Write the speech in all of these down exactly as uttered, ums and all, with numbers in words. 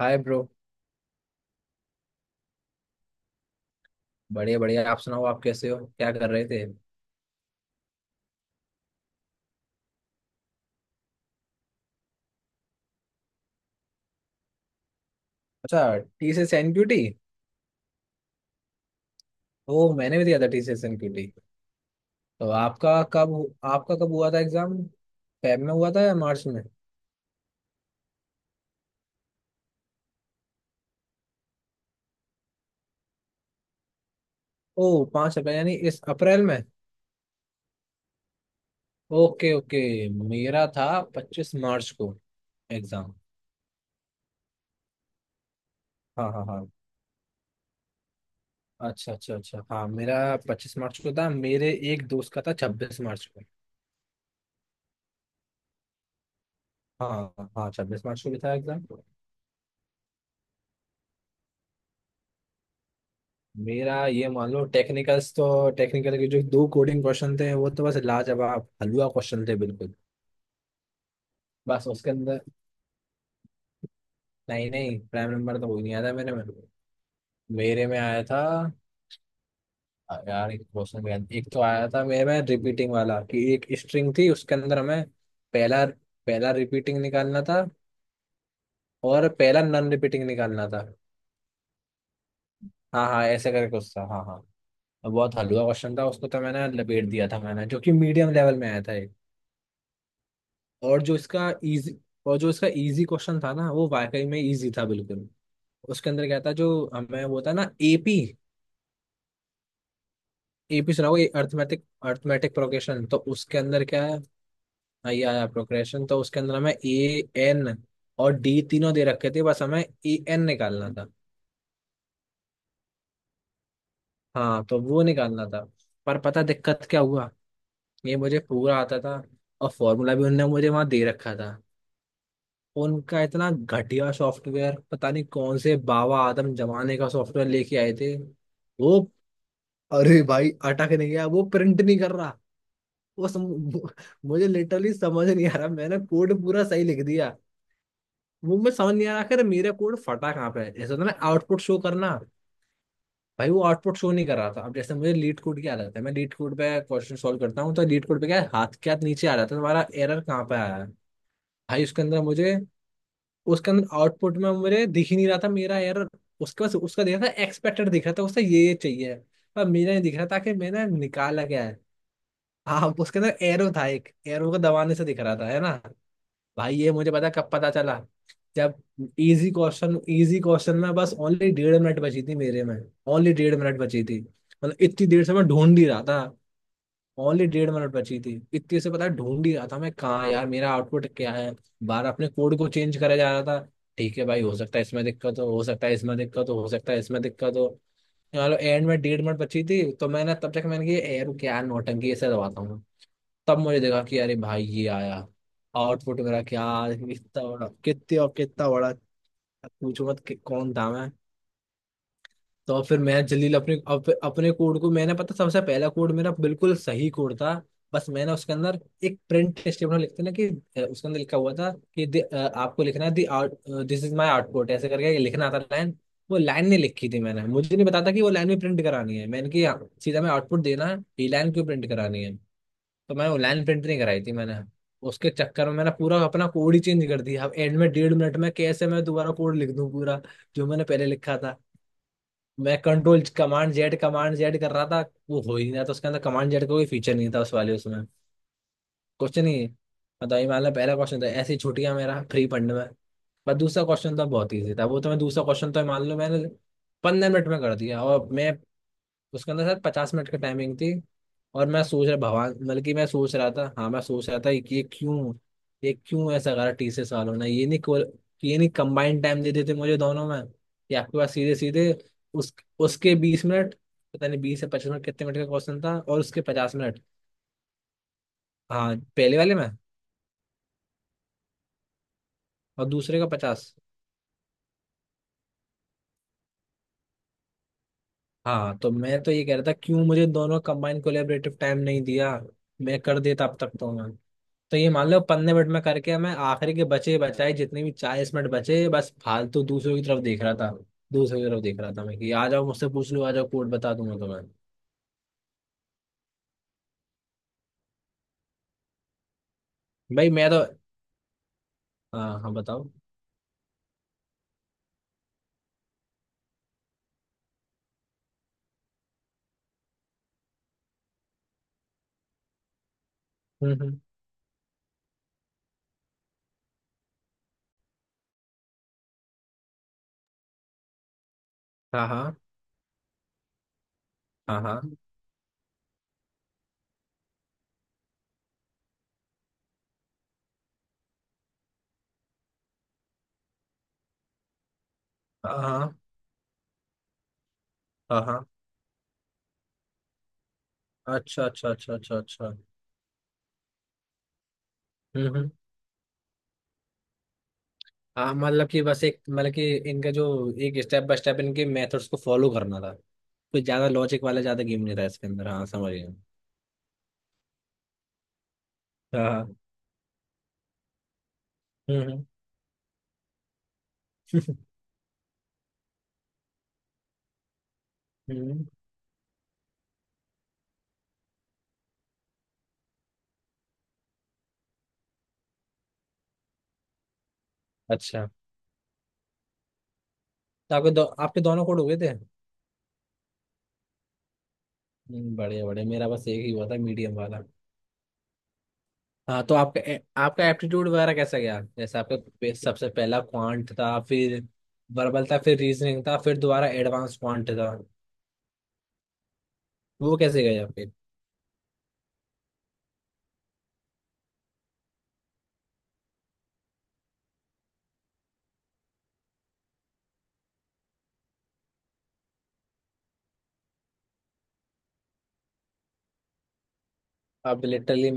हाय bro. बढ़िया बढ़िया, आप सुनाओ, आप कैसे हो, क्या कर रहे थे? अच्छा, T C S N Q T. ओ, मैंने भी दिया था टी सी एस एनक्यूटी। तो आपका कब आपका कब हुआ था एग्जाम? फेब में हुआ था या मार्च में? ओ, पाँच अप्रैल यानी इस अप्रैल में। ओके ओके, मेरा था पच्चीस मार्च को एग्जाम। हाँ हाँ हाँ। अच्छा अच्छा अच्छा, हाँ मेरा पच्चीस मार्च को था, मेरे एक दोस्त का था छब्बीस मार्च को। हाँ हाँ हाँ, छब्बीस मार्च को भी था एग्जाम। मेरा ये मान लो टेक्निकल्स, तो टेक्निकल के जो दो कोडिंग क्वेश्चन थे वो तो बस लाजवाब हलवा क्वेश्चन थे बिल्कुल। बस उसके अंदर नहीं नहीं, प्राइम नंबर तो कोई नहीं आया था मेरे में मेरे में आया था, आ, यार एक क्वेश्चन भी आया था। एक तो आया था मेरे में रिपीटिंग वाला कि एक स्ट्रिंग थी, उसके अंदर हमें पहला पहला रिपीटिंग निकालना था, और पहला नॉन रिपीटिंग निकालना था। हाँ हाँ ऐसे करके कुछ था, हाँ हाँ। बहुत हलवा क्वेश्चन था, उसको तो मैंने लपेट दिया था मैंने, जो कि मीडियम लेवल में आया था। और जो इसका इजी और जो इसका इजी क्वेश्चन था ना, वो वाकई में इजी था बिल्कुल। उसके अंदर क्या था, जो हमें वो था ना एपी। एपी सुना होगा, अर्थमेटिक अर्थमेटिक प्रोग्रेशन। तो उसके अंदर क्या है? हाँ, ये आया प्रोग्रेशन। तो उसके अंदर हमें ए एन और डी तीनों दे रखे थे, बस हमें ए एन निकालना था। हाँ, तो वो निकालना था। पर पता दिक्कत क्या हुआ, ये मुझे पूरा आता था, और फॉर्मूला भी उनने मुझे वहां दे रखा था। उनका इतना घटिया सॉफ्टवेयर, पता नहीं कौन से बाबा आदम जमाने का सॉफ्टवेयर लेके आए थे वो। अरे भाई अटक नहीं गया, वो प्रिंट नहीं कर रहा। वो सम, मुझे लिटरली समझ नहीं आ रहा, मैंने कोड पूरा सही लिख दिया। वो मैं समझ नहीं आ रहा आखिर मेरा कोड फटा कहाँ पे है। जैसे होता है ना आउटपुट शो करना, भाई वो आउटपुट शो नहीं कर रहा था। अब जैसे मुझे लीड कोड की आदत है, मैं लीड कोड पे क्वेश्चन सॉल्व करता हूँ, तो लीड कोड पे क्या है, हाथ के हाथ नीचे आ जाता है तुम्हारा एरर कहाँ पे आया है। भाई उसके अंदर मुझे, उसके अंदर आउटपुट में मुझे दिख ही नहीं रहा था मेरा एरर। उसके पास उसका दिख रहा था, एक्सपेक्टेड दिख रहा था, उससे ये ये चाहिए, पर मेरा नहीं दिख रहा था कि मैंने निकाला क्या है। हाँ, उसके अंदर एरो था, एक एरो को दबाने से दिख रहा था, है ना। भाई ये मुझे पता कब पता चला, जब इजी क्वेश्चन, इजी क्वेश्चन में बस ओनली डेढ़ मिनट बची थी मेरे में। ओनली डेढ़ मिनट बची थी। मतलब इतनी देर से मैं ढूंढ ही रहा था। ओनली डेढ़ मिनट बची थी, इतनी से पता है ढूंढ ही रहा था मैं, कहाँ यार मेरा आउटपुट क्या है। बार अपने कोड को चेंज करा जा रहा था, ठीक है भाई, हो सकता है इसमें दिक्कत हो हो सकता है इसमें दिक्कत हो हो सकता है इसमें दिक्कत हो। चलो एंड में डेढ़ मिनट बची थी, तो मैंने तब तक मैंने कि यार क्या नौटंकी, ऐसे दबाता हूँ। तब मुझे देखा कि अरे भाई ये आया आउटपुट मेरा, क्या कितना बड़ा, कितना और कितना बड़ा। पूछो मत कि कौन था मैं। तो अब फिर मैं जल्दी अपने अप, अपने कोड को, मैंने पता सबसे पहला कोड मेरा बिल्कुल सही कोड था। बस मैंने उसके अंदर एक प्रिंट स्टेटमेंट लिखते ना कि अ, उसके अंदर लिखा हुआ था कि दि- अ, आपको लिखना है the out, this is my output, ऐसे करके लिखना था लाइन। वो लाइन नहीं लिखी थी मैंने, मुझे नहीं पता था कि वो लाइन भी प्रिंट करानी है। मैंने कि यहाँ सीधा मैं आउटपुट देना है, ये लाइन क्यों प्रिंट करानी है। तो मैंने वो लाइन प्रिंट नहीं कराई थी मैंने। उसके चक्कर में मैंने पूरा अपना कोड ही चेंज कर दिया। अब एंड में डेढ़ मिनट में कैसे मैं दोबारा कोड लिख दूं पूरा जो मैंने पहले लिखा था। मैं control command Z, command Z कर रहा था, वो हो ही नहीं रहा था। उसके अंदर कमांड जेड का कोई फीचर नहीं था उस वाले, उसमें। क्वेश्चन ही, मतलब ये मान लो पहला क्वेश्चन था, ऐसी छुट्टियां मेरा फ्री फंड में। पर दूसरा क्वेश्चन था, बहुत ईजी था वो। तो मैं दूसरा क्वेश्चन तो मान लो मैंने पंद्रह मिनट में कर दिया, और मैं, उसके अंदर सर पचास मिनट की टाइमिंग थी। और मैं सोच रहा भगवान, बल्कि मैं सोच रहा था हाँ, मैं सोच रहा था कि ये क्यों ये क्यों ऐसा करा टी सी एस वालों ने, ये नहीं को- ये नहीं कंबाइंड टाइम दे देते मुझे दोनों में कि आपके पास सीधे सीधे। उस उसके बीस मिनट, पता नहीं बीस से पच्चीस मिनट कितने मिनट का क्वेश्चन था, और उसके पचास मिनट। हाँ पहले वाले में, और दूसरे का पचास। हाँ, तो मैं तो ये कह रहा था क्यों मुझे दोनों कंबाइन कोलेबरेटिव टाइम नहीं दिया, मैं कर देता अब तक तो मैं। तो ये मान लो पंद्रह मिनट में करके मैं, आखिरी के बचे बचाए जितने भी चालीस मिनट बचे बस फालतू दूसरों की तरफ देख रहा था। दूसरों की तरफ देख रहा था मैं कि आ जाओ मुझसे पूछ लो, आ जाओ कोड बता दूंगा तुम्हें। भाई मैं तो, हाँ हाँ बताओ। हम्म हम्म। हाँ हाँ हाँ हाँ। हाँ हाँ हाँ हाँ। अच्छा अच्छा अच्छा अच्छा अच्छा। हम्म हम्म। हाँ, मतलब कि बस एक मतलब कि इनका जो एक स्टेप बाय स्टेप इनके मेथड्स को फॉलो करना था, कोई ज्यादा लॉजिक वाला ज्यादा गेम नहीं था इसके अंदर, हाँ समझ गया। हाँ हाँ। हम्म हम्म। हम्म। अच्छा, तो आपके दो, आपके दोनों कोड हो गए थे। हम्म, बढ़िया बढ़िया, मेरा बस एक ही हुआ था मीडियम वाला। हाँ, तो आपका आपका एप्टीट्यूड वगैरह कैसा गया? जैसे आपका पे- सबसे पहला क्वांट था, फिर वर्बल था, फिर रीजनिंग था, फिर दोबारा एडवांस क्वांट था। वो कैसे गए आपके? अब लिटरली,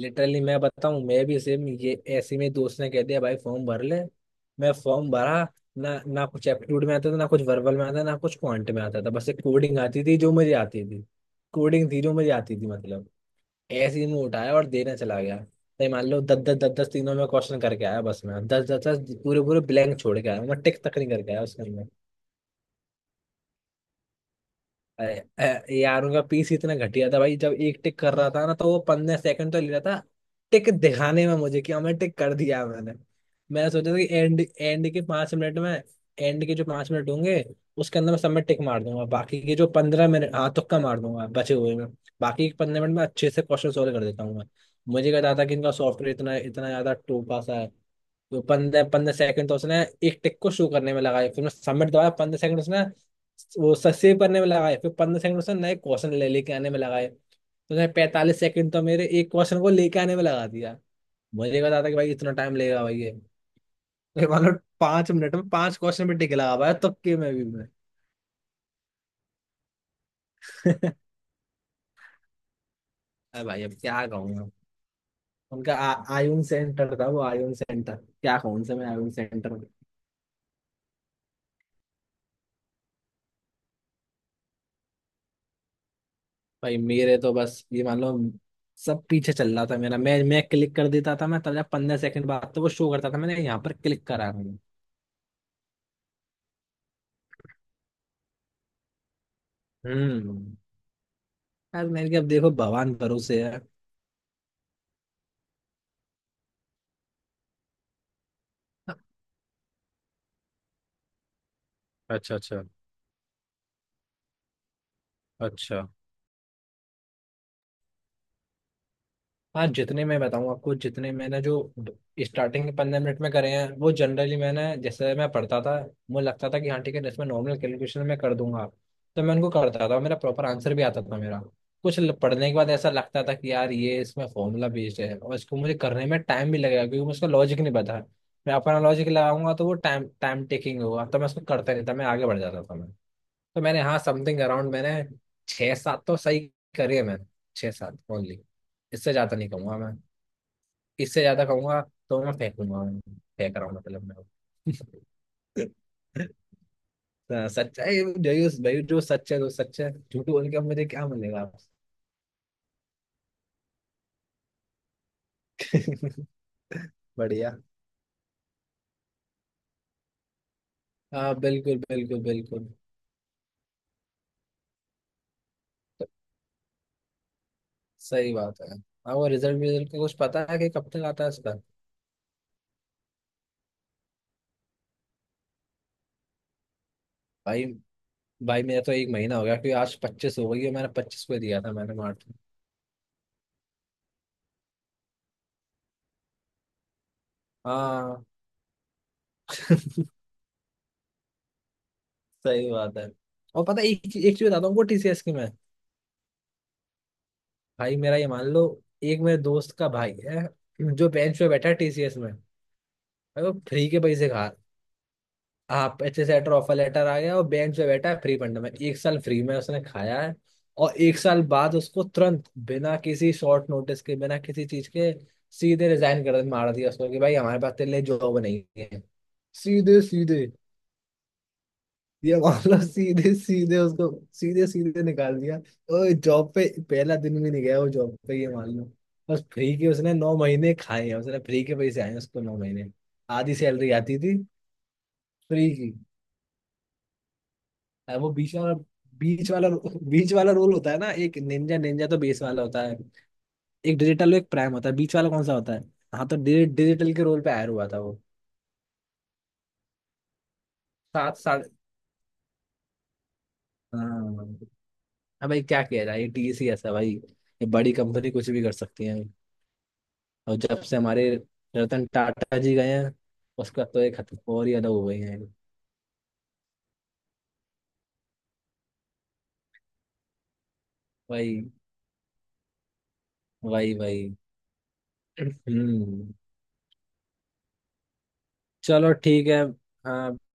लिटरली मैं बताऊं मैं भी सेम ये, ऐसे में दोस्त ने कह दिया भाई फॉर्म भर ले, मैं फॉर्म भरा। ना ना कुछ एप्टीट्यूड में आता था, ना कुछ वर्बल में आता था, ना कुछ क्वांट में आता था, बस एक कोडिंग आती थी जो मुझे आती थी। कोडिंग थी जो मुझे आती थी मतलब। ऐसे ही मैं उठाया और देने चला गया। नहीं मान लो दस दस दस दस तीनों में क्वेश्चन करके आया बस मैं, दस दस दस पूरे पूरे ब्लैंक छोड़ के आया, मैं टिक तक नहीं करके आया उसके अंदर। अरे अ, यार, उनका पीस इतना घटिया था भाई, जब एक टिक कर रहा था ना तो वो पंद्रह सेकंड तो ले रहा था टिक दिखाने में मुझे कि हमें टिक कर दिया मैंने। मैंने सोचा था कि एंड एंड के पांच मिनट में, एंड के जो पांच मिनट होंगे उसके अंदर मैं सब में टिक मार दूंगा, बाकी के जो पंद्रह मिनट हाँ तुक्का मार दूंगा बचे हुए में। बाकी के पंद्रह मिनट में अच्छे से क्वेश्चन सॉल्व कर देता हूँ मैं। मुझे कहता था कि इनका सॉफ्टवेयर इतना इतना ज्यादा टोपा सा है। तो पंद्रह पंद्रह सेकंड तो उसने एक टिक को शो करने में लगाए, फिर मैं सबमिट दबाया पंद्रह सेकंड उसने वो सेव करने में लगाए, फिर पंद्रह सेकंड उसने नए क्वेश्चन ले लेके आने में लगाए, तो उसने पैंतालीस सेकंड तो मेरे एक क्वेश्चन को लेके आने में लगा दिया। मुझे पता था कि भाई इतना टाइम लेगा भाई ये। तो मान लो पांच मिनट में पांच क्वेश्चन पे टिक लगा पाया तुक्के में भी मैं। अरे भाई अब क्या कहूँ मैं। उनका आ, आयुन सेंटर था वो, आयुन सेंटर क्या कहूँ उनसे मैं, आयुन सेंटर। भाई मेरे तो बस ये मान लो सब पीछे चल रहा था मेरा, मैं मैं क्लिक कर देता था मैं, तब जा पंद्रह सेकंड बाद तो वो शो करता था मैंने यहाँ पर क्लिक करा हूँ। हम्म। अब मैंने कहा, अब देखो भगवान भरोसे है। अच्छा अच्छा अच्छा। हाँ जितने मैं बताऊँ आपको, जितने मैंने जो स्टार्टिंग के पंद्रह मिनट में करे हैं, वो जनरली मैंने जैसे मैं पढ़ता था, मुझे लगता था कि हाँ ठीक है इसमें नॉर्मल कैलकुलेशन मैं कर दूंगा, तो मैं उनको करता था, मेरा प्रॉपर आंसर भी आता था मेरा। कुछ ल- पढ़ने के बाद ऐसा लगता था कि यार ये इसमें फॉर्मूला बेस्ड है और इसको मुझे करने में टाइम भी लगेगा क्योंकि मुझे उसका लॉजिक नहीं पता है, मैं अपना लॉजिक लगाऊंगा तो वो टाइम टाइम टेकिंग होगा, तो मैं उसको करता नहीं था, मैं आगे बढ़ जाता था मैं। तो मैंने हाँ समथिंग अराउंड मैंने छः सात तो सही करे हैं मैंने, छः सात ओनली। इससे ज्यादा नहीं कहूंगा मैं, इससे ज्यादा कहूंगा तो मैं फेंकूंगा मैं, फेंक रहा हूँ मतलब मैं। हाँ, सच्चा है जो, भाई जो सच है तो सच है, झूठ बोल के अब मुझे क्या मिलेगा। बढ़िया। हाँ बिल्कुल बिल्कुल बिल्कुल। सही बात है। हाँ, वो रिजल्ट रिजल्ट का कुछ पता है कि कब तक आता है इसका? भाई भाई, मेरा तो एक महीना हो गया क्योंकि आज पच्चीस हो गई है, मैंने पच्चीस को दिया था मैंने मार्च में। हाँ। सही बात है। और पता है एक एक चीज बताता हूँ टी सी एस की मैं। भाई मेरा ये मान लो एक मेरे दोस्त का भाई है जो बेंच पे बैठा है टी सी एस में भाई। वो फ्री के पैसे खा, आप अच्छे से लेटर ऑफर लेटर आ गया और बेंच पे बैठा है फ्री फंड में, एक साल फ्री में उसने खाया है। और एक साल बाद उसको तुरंत बिना किसी शॉर्ट नोटिस के बिना किसी चीज के सीधे रिजाइन कर मार दिया उसको कि भाई हमारे पास तेरे लिए जॉब नहीं है। सीधे सीधे। ये मामला सीधे सीधे उसको, सीधे सीधे निकाल दिया। और जॉब पे पहला दिन भी नहीं गया वो जॉब पे ये मान लो। बस फ्री के उसने नौ महीने खाए हैं, उसने फ्री के पैसे आए हैं उसको नौ महीने, आधी सैलरी आती थी फ्री की। अब वो बीच वाला बीच वाला बीच वाला रोल होता है ना। एक निंजा, निंजा तो बेस वाला होता है, एक डिजिटल, एक प्राइम होता है। बीच वाला कौन सा होता है? हाँ तो डिजि- डिजिटल के रोल पे आया हुआ था वो। सात साढ़े। हाँ अब भाई क्या किया जाए, ये टीसी ऐसा भाई, ये बड़ी कंपनी कुछ भी कर सकती है। और जब से हमारे रतन टाटा जी गए हैं, उसका तो एक हद और ही अलग हो गई है। भाई भाई भाई। हम्म। चलो ठीक है, हाँ।